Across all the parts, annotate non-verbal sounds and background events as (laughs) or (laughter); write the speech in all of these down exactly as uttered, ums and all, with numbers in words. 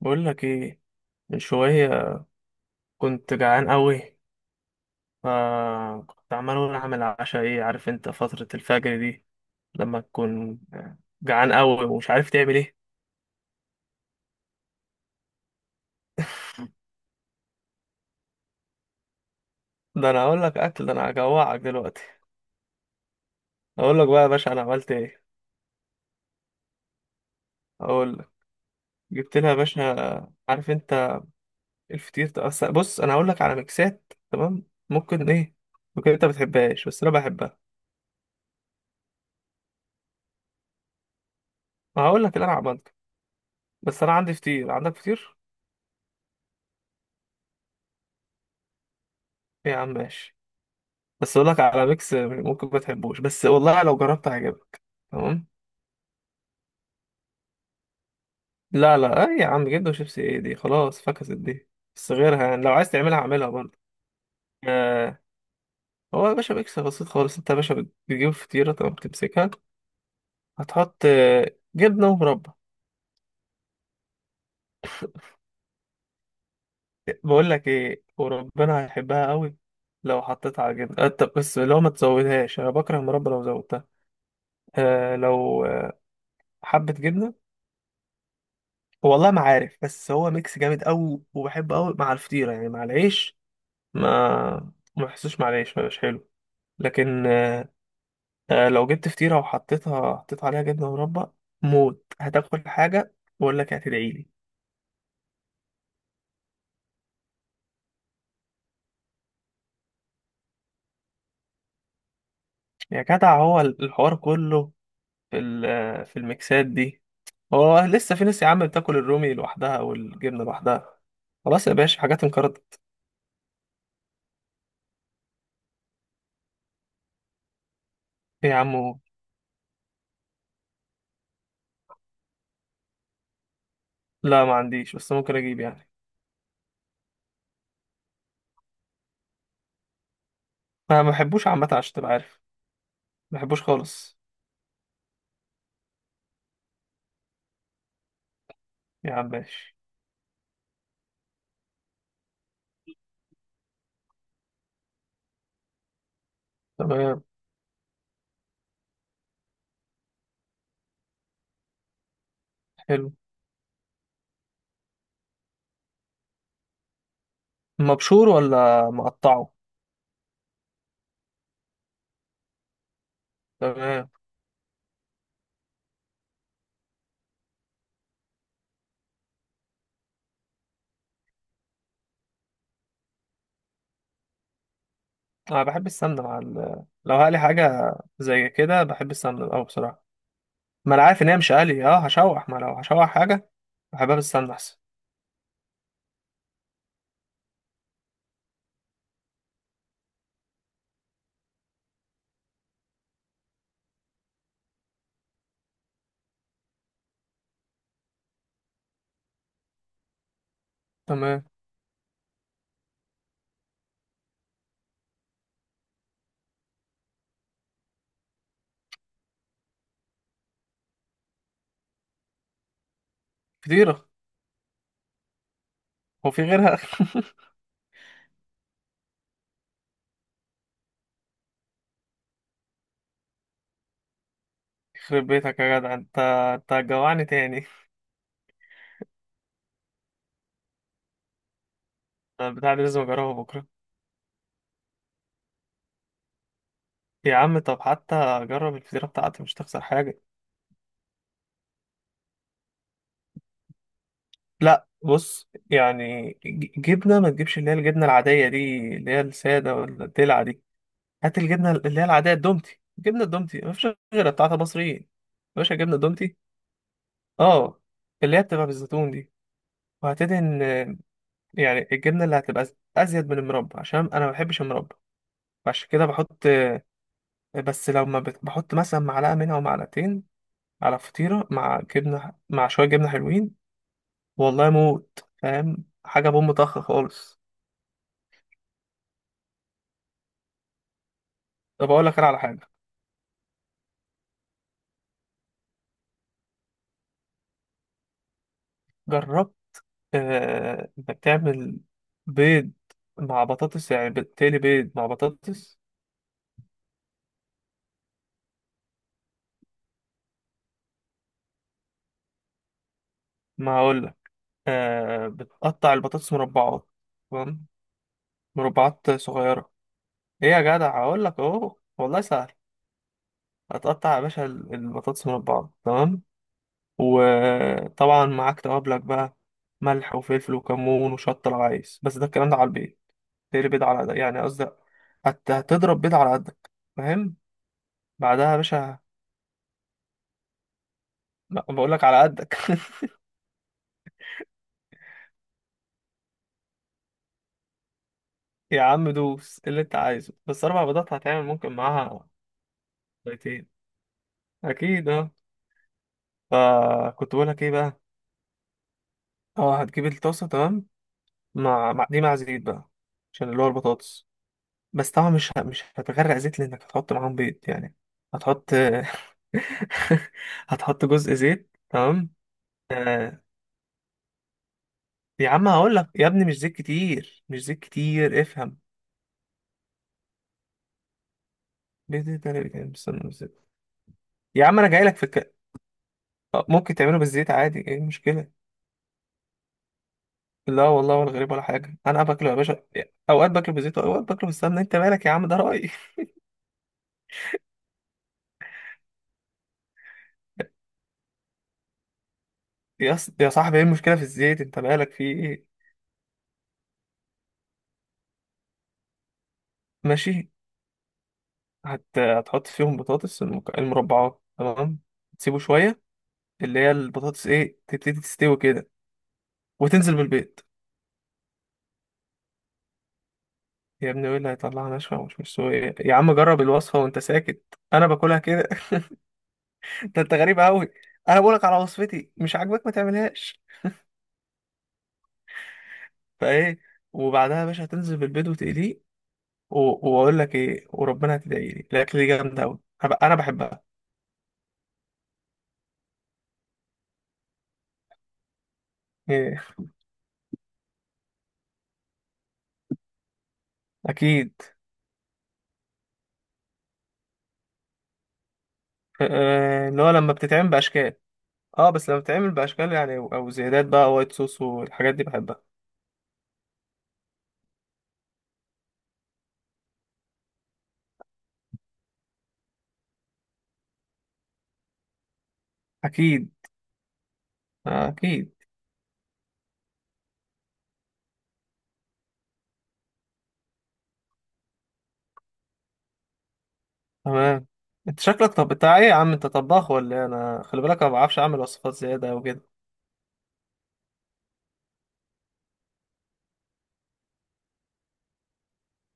بقول لك ايه. من شويه كنت جعان قوي، فكنت عمال اقول اعمل عشاء ايه؟ عارف انت فتره الفجر دي لما تكون جعان قوي ومش عارف تعمل ايه. ده انا اقول لك اكل؟ ده انا هجوعك دلوقتي. اقول لك بقى يا باشا انا عملت ايه. اقول لك، جبت لها يا باشا، عارف انت الفطير ده. أصل بص، انا هقول لك على ميكسات، تمام؟ ممكن ايه، ممكن انت ما بتحبهاش بس انا بحبها. هقول لك اللي انا عملته. بس انا عندي فطير، عندك فطير؟ إيه يا عم، ماشي. بس اقول لك على ميكس، ممكن ما تحبوش بس والله لو جربت هيعجبك. تمام. لا لا اي يا عم، جدا، وشيبسي ايه دي؟ خلاص فكست دي. بس غيرها يعني، لو عايز تعملها اعملها برضه. آه. هو يا باشا ميكس بسيط خالص. انت يا باشا بتجيب فطيره، تمام، بتمسكها، هتحط آه، جبنه ومربى. بقول لك ايه، وربنا هيحبها قوي. لو حطيت على جبنه آه، طب بس لو ما تزودهاش، انا بكره المربى لو زودتها. آه لو آه، حبه جبنه. والله ما عارف، بس هو ميكس جامد قوي وبحبه قوي مع الفطيره، يعني مع العيش ما ما حسوش، معلش، ما مش حلو. لكن آه، لو جبت فطيرة وحطيتها، حطيت عليها جبنة مربى، موت، هتاكل حاجة بقول لك هتدعي لي. يا جدع هو الحوار كله في ال- آه، في الميكسات دي. هو لسه في ناس يا عم بتاكل الرومي لوحدها او الجبنة لوحدها؟ خلاص يا باشا، حاجات انقرضت. إيه يا عم؟ لا ما عنديش، بس ممكن اجيب يعني. ما ما بحبوش عامة، عشان تبقى عارف. ما بحبوش خالص، يا عم ماشي. تمام. حلو. مبشور ولا مقطعه؟ تمام. انا بحب السمنه مع ال... لو هقلي حاجه زي كده بحب السمنه قوي بصراحه. ما انا عارف ان هي مش قلي، اه هشوح، ما لو هشوح حاجه بحبها بالسمنه احسن. تمام. فطيره. هو في غيرها؟ (laughs) يخرب بيتك يا جدع، انت انت هتجوعني تاني. أنا البتاع دي لازم اجربها بكره. يا عم طب حتى جرب الفطيره بتاعتي، مش تخسر حاجه. لا بص يعني، ج- جبنه، ما تجيبش اللي هي الجبنه العاديه دي اللي هي الساده، ولا الدلع دي. هات الجبنه اللي هي العاديه الدومتي، جبنه الدومتي، مفيش غيرها بتاعت مصريين يا باشا، جبنه دومتي، اه، اللي هي بتبقى بالزيتون دي. وهتدهن آه، يعني الجبنه اللي هتبقى أز- ازيد من المربى، عشان انا ما بحبش المربى، فعشان كده بحط آه، بس لو ما بت- بحط مثلا معلقه منها ومعلقتين على فطيره مع جبنه، مع شويه جبنه حلوين، والله موت، فاهم حاجه بوم طخ خالص. طب اقول لك انا على حاجه، جربت آه، انك تعمل بيض مع بطاطس؟ يعني بتقلي بيض مع بطاطس. ما هقول لك. آه، بتقطع البطاطس مربعات، تمام، مربعات صغيره. ايه يا جدع؟ هقول لك اهو والله سهل. هتقطع يا باشا ال- البطاطس مربعات، تمام. وطبعا معاك توابلك بقى، ملح وفلفل وكمون وشطه لو عايز. بس ده الكلام ده على البيض. تقلي بيض على قد- يعني قصدي، هت- هتضرب بيض على قدك، فاهم؟ بعدها يا باشا، بقول لك على قدك. (laughs) يا عم دوس، إيه اللي انت عايزه؟ بس اربع بيضات هتعمل، ممكن معاها بيضتين. اكيد اه. فكنت بقولك ايه بقى؟ اه، هتجيب الطاسه، تمام، مع مع- دي مع زيت بقى، عشان اللي هو البطاطس. بس طبعا مش ه- مش هتغرق زيت، لانك هتحط معاهم بيض يعني. هتحط (laughs) هتحط جزء زيت، تمام. آه. يا عم هقول لك يا ابني، مش زيت كتير، مش زيت كتير، افهم. بيض ده- ده- ده- استنى، بس- يا عم انا جاي لك في الك... آه، ممكن تعمله بالزيت عادي، ايه المشكله؟ لا والله، ولا غريب ولا حاجة، أنا باكله يا باشا. أوقات باكله بالزيت وأوقات باكله بالسمنة. أنت مالك يا عم، ده رأيي. (laughs) يا ص- يا صاحبي، إيه المشكلة في الزيت؟ أنت مالك في إيه؟ ماشي. هت... هتحط فيهم بطاطس المك- المربعات، تمام. تسيبه شوية، اللي هي البطاطس، إيه، تبتدي تستوي كده، وتنزل بالبيض. يا ابني وإيه اللي هيطلعها ناشفة ومش مستوية؟ يا عم جرب الوصفة وأنت ساكت، أنا باكلها كده. (laughs) ده أنت غريب أوي، أنا بقولك على وصفتي، مش عاجبك ما تعملهاش. فإيه، وبعدها يا باشا هتنزل بالبيض وتقليه. و- واقول لك ايه، وربنا هتدعي لي، الاكل دي جامده قوي، انا بحبها. إيه. اكيد. آه، اللي هو لما بتتعمل باشكال. اه، بس لما بتتعمل باشكال، يعني او زيادات بقى، وايت صوص والحاجات دي، بحبها. اكيد. آه، اكيد. تمام. انت شكلك طب بتاع ايه يا عم؟ انت طباخ ولا إيه؟ انا خلي بالك، انا ما بعرفش اعمل وصفات زياده وكده.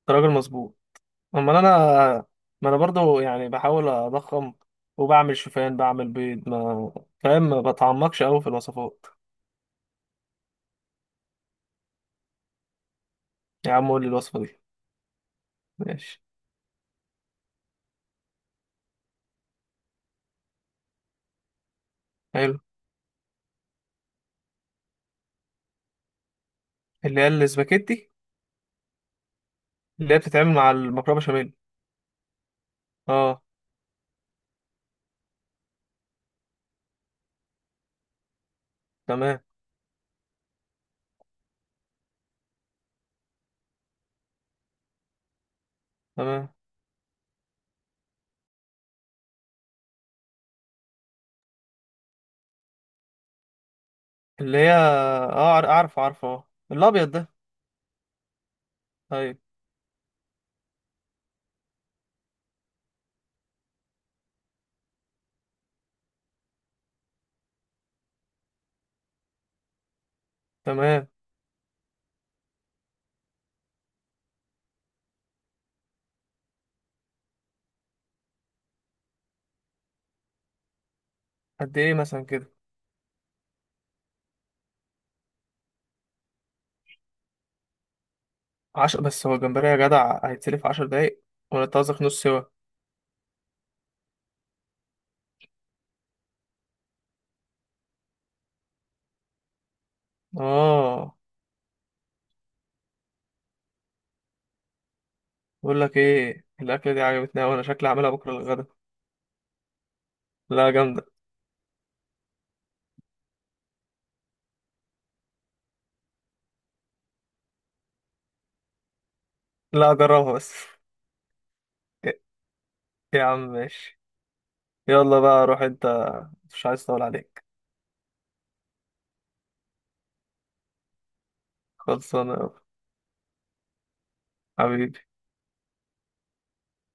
انت راجل مظبوط. امال انا، ما انا برضو يعني بحاول اضخم، وبعمل شوفان، بعمل بيض، ما فاهم، ما بتعمقش قوي في الوصفات. يا عم قول لي الوصفه دي. ماشي. حلو. اللي هي الاسباجيتي. اللي هي بتتعمل مع المكرونه بشاميل؟ اه. تمام. تمام. اللي هي اه عار- اعرف، عارف، اه، الابيض ده. طيب. تمام. قد ايه مثلا كده؟ عشر؟ بس هو الجمبري يا جدع هيتسلف عشر دقايق؟ ولا انت قصدك نص سوا؟ اه. بقول لك ايه، الاكله دي عجبتني، وانا شكلي هعملها بكره للغدا. لا جامده. لا اجربها بس. (laughs) يا يا عم ماشي. يلا بقى روح انت، مش عايز اطول عليك. خلصانه يا حبيبي.